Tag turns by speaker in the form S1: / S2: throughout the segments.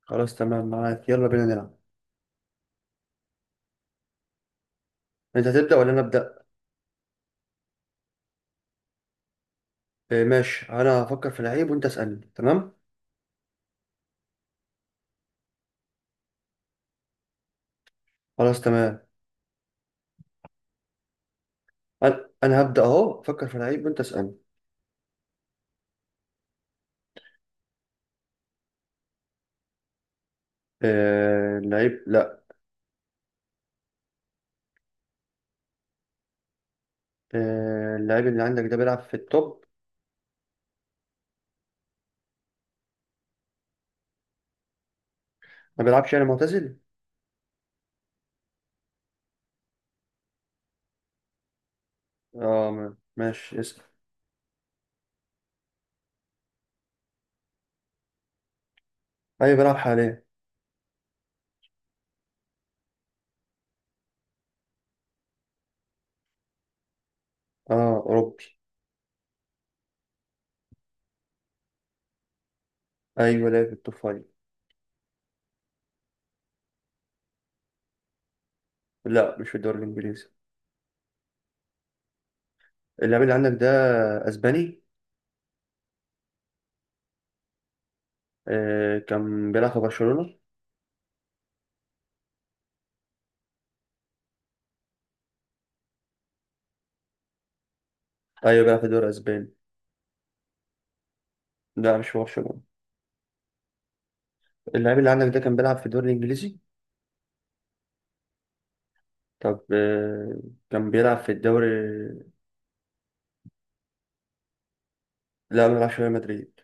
S1: خلاص، تمام معاك. يلا بينا نلعب. انت هتبدأ ولا انا ابدأ؟ آه، ماشي. انا هفكر في لعيب وانت اسألني. تمام، خلاص تمام. انا هبدأ اهو. افكر في لعيب وانت اسألني. اللعيب لا. اللعيب اللي عندك ده بيلعب في التوب؟ ما بيلعبش، يعني معتزل. اه، ماشي اسأل. ايوه بيلعب حاليا. اه اوروبي. ايوه لعب في التوب فايف. لا مش في الدوري الانجليزي. اللعيب اللي عندك ده اسباني. كان بيلعب في برشلونة؟ ايوه بيلعب في الدوري الاسباني. لا مش في برشلونة. اللاعب اللي عندك ده كان بيلعب في الدوري الإنجليزي؟ طب كان بيلعب في الدوري. لا ما بيلعبش في ريال مدريد.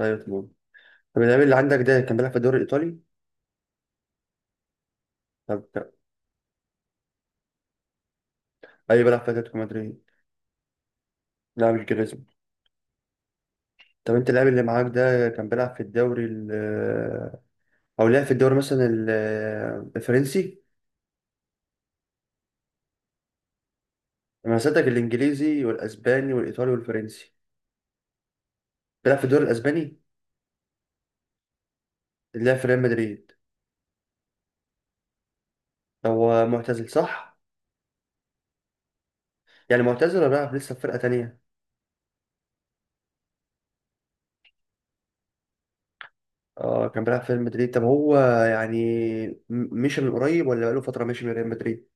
S1: أيوة تمام. طب اللاعب اللي عندك ده كان بيلعب في الدوري الإيطالي؟ طب لا. أيوة بيلعب في أتلتيكو مدريد. لا مش جريزمان. طب أنت، اللاعب اللي معاك ده كان بيلعب في الدوري ال آه، أو لعب في الدوري مثلا الفرنسي؟ أنا سألتك الإنجليزي والأسباني والإيطالي والفرنسي. بيلعب في الدوري الأسباني. اللي لعب في ريال مدريد. هو معتزل صح؟ يعني معتزل ولا بيلعب لسه في فرقة تانية؟ اه كان بيلعب في ريال مدريد. طب هو يعني م- مشي من قريب ولا بقاله فترة ماشي من ريال مدريد؟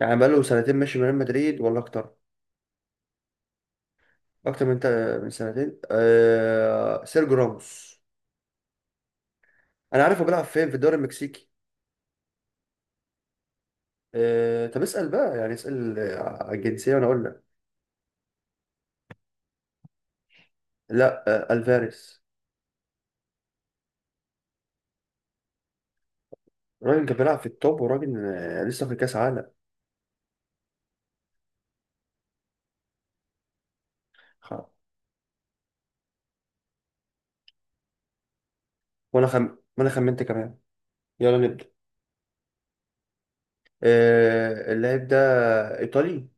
S1: يعني بقاله سنتين ماشي من ريال مدريد ولا أكتر؟ أكتر من سنتين؟ آه سيرجيو راموس. أنا عارف، هو بيلعب فين في الدوري المكسيكي. آه طب اسأل بقى، يعني اسأل على الجنسية وأنا أقول لك. لا. آه الفاريز. الراجل كان بيلعب في التوب، وراجل لسه في كأس عالم. خ- وأنا خمنت كمان. يلا نبدأ. آه اللاعب ده إيطالي؟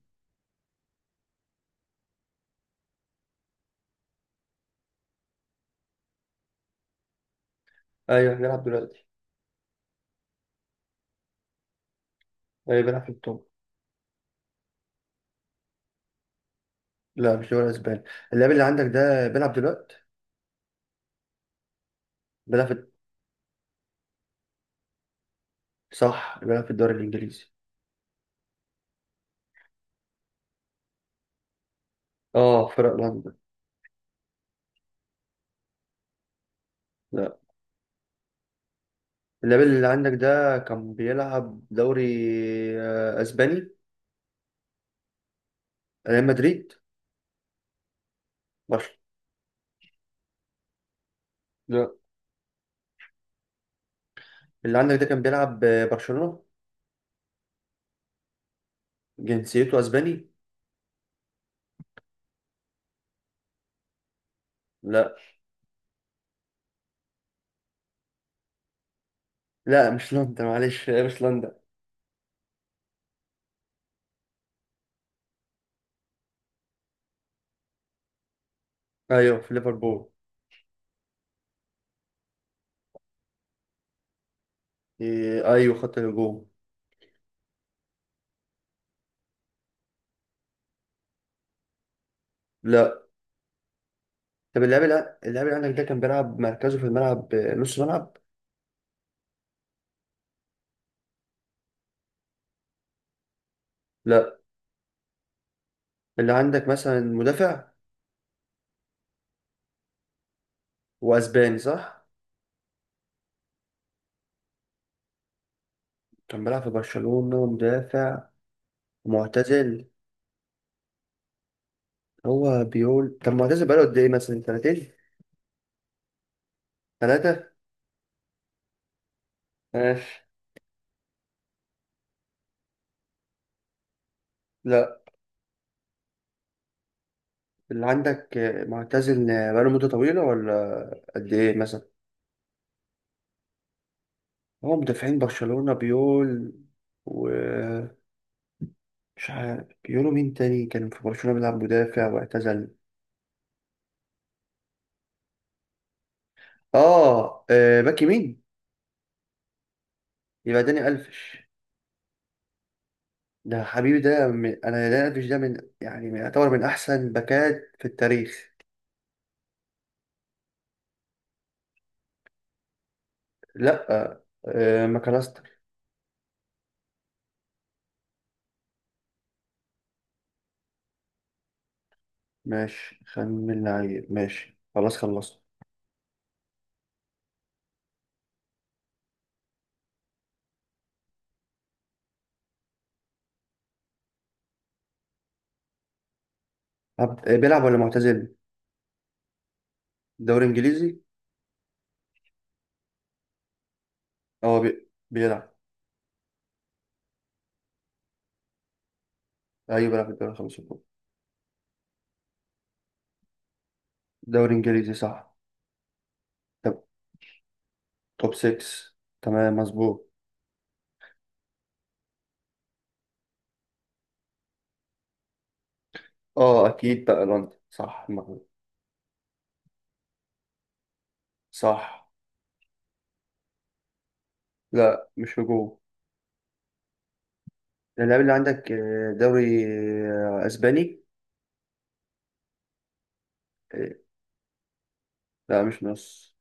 S1: أيوه بيلعب دلوقتي. أيوه بيلعب في التوب. لا مش دوري اسباني. اللاعب اللي عندك ده بيلعب دلوقتي. بيلعب في صح، بيلعب في الدوري الانجليزي. اه فرق لندن. لا. اللاعب اللي عندك ده كان بيلعب دوري اسباني. ريال مدريد. برشلونة. لا. اللي عندك ده كان بيلعب برشلونة؟ جنسيته اسباني. لا. لا مش لندن، معلش مش لندن. ايوه في ليفربول. إيه، ايوه خط الهجوم. لا. طب اللاعب اللي عندك ده كان بيلعب مركزه في الملعب نص ملعب. لا. اللي عندك مثلا مدافع. واسباني صح؟ كان بيلعب في برشلونة ومدافع، معتزل. هو بيقول طب معتزل بقاله قد ايه، مثلا سنتين، ثلاثة، ماشي. لا اللي عندك معتزل، بقاله مدة طويلة ولا قد ايه مثلا؟ هو مدافعين برشلونة بيقول، ومش عارف بيقولوا مين تاني كان في برشلونة بيلعب مدافع واعتزل. اه باك يمين. يبقى داني ألفش. ده حبيبي، انا داني ألفش ده من يعني من يعتبر من احسن باكات في التاريخ. لا. آه ماكاليستر. ماشي. خمن لعيب ماشي خلاص خلصت. بيلعب ولا معتزل؟ دوري انجليزي. اه بيلعب. ايوه بيلعب في الدوري الخمسة الكبرى. دوري انجليزي صح. طب توب 6. تمام مظبوط. اه اكيد بقى لندن صح، المغرب. صح. لا مش هجوم. اللاعب اللي عندك دوري اسباني. آه، لا مش نص.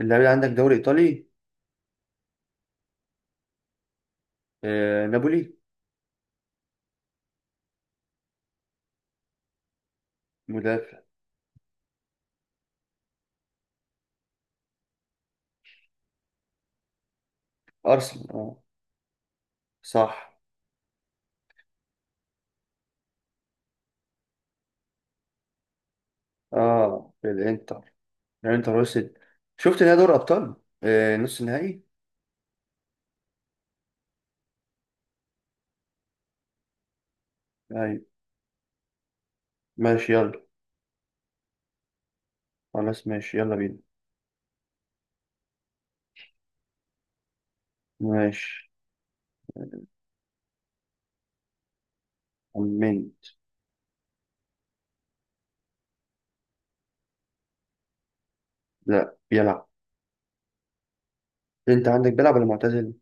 S1: اللاعب اللي عندك دوري ايطالي. نابولي. مدافع. ارسنال اه. صح. اه الانتر. الانتر وصلت. شفت نهائي دوري ابطال. آه نص النهائي. ايوه ماشي يلا. خلاص ماشي يلا بينا. ماشي. خمنت. لا بيلعب. انت عندك بيلعب ولا معتزل؟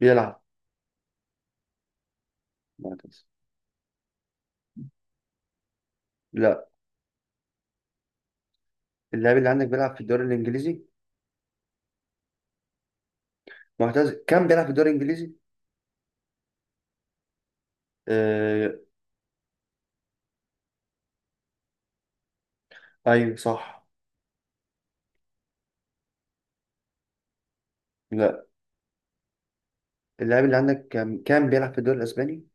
S1: بيلعب. معتزل. لا. اللاعب اللي عندك بيلعب في الدوري الانجليزي؟ معتزل كان بيلعب في الدوري الانجليزي. آه. ايوه صح. لا. اللاعب اللي عندك كان بيلعب في الدوري الاسباني.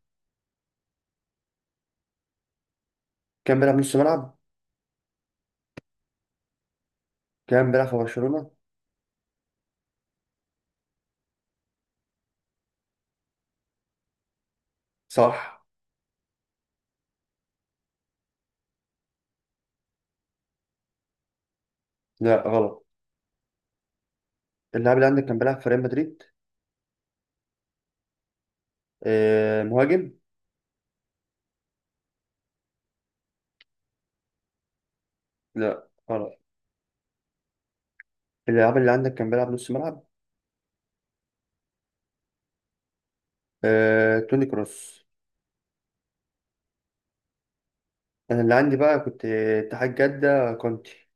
S1: كان بيلعب نص ملعب. كان بيلعب في برشلونة. صح. لا غلط. اللاعب اللي عندك كان بيلعب في ريال مدريد. آه مهاجم. لا خلاص. اللاعب اللي عندك كان بيلعب نص ملعب. توني كروس. انا اللي عندي بقى كنت اتحاد جدة كونتي.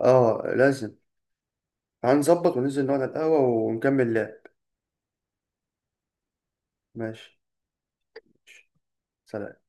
S1: اه لازم. هنظبط وننزل نقعد على القهوة ونكمل لعب. ماشي. ماشي. سلام.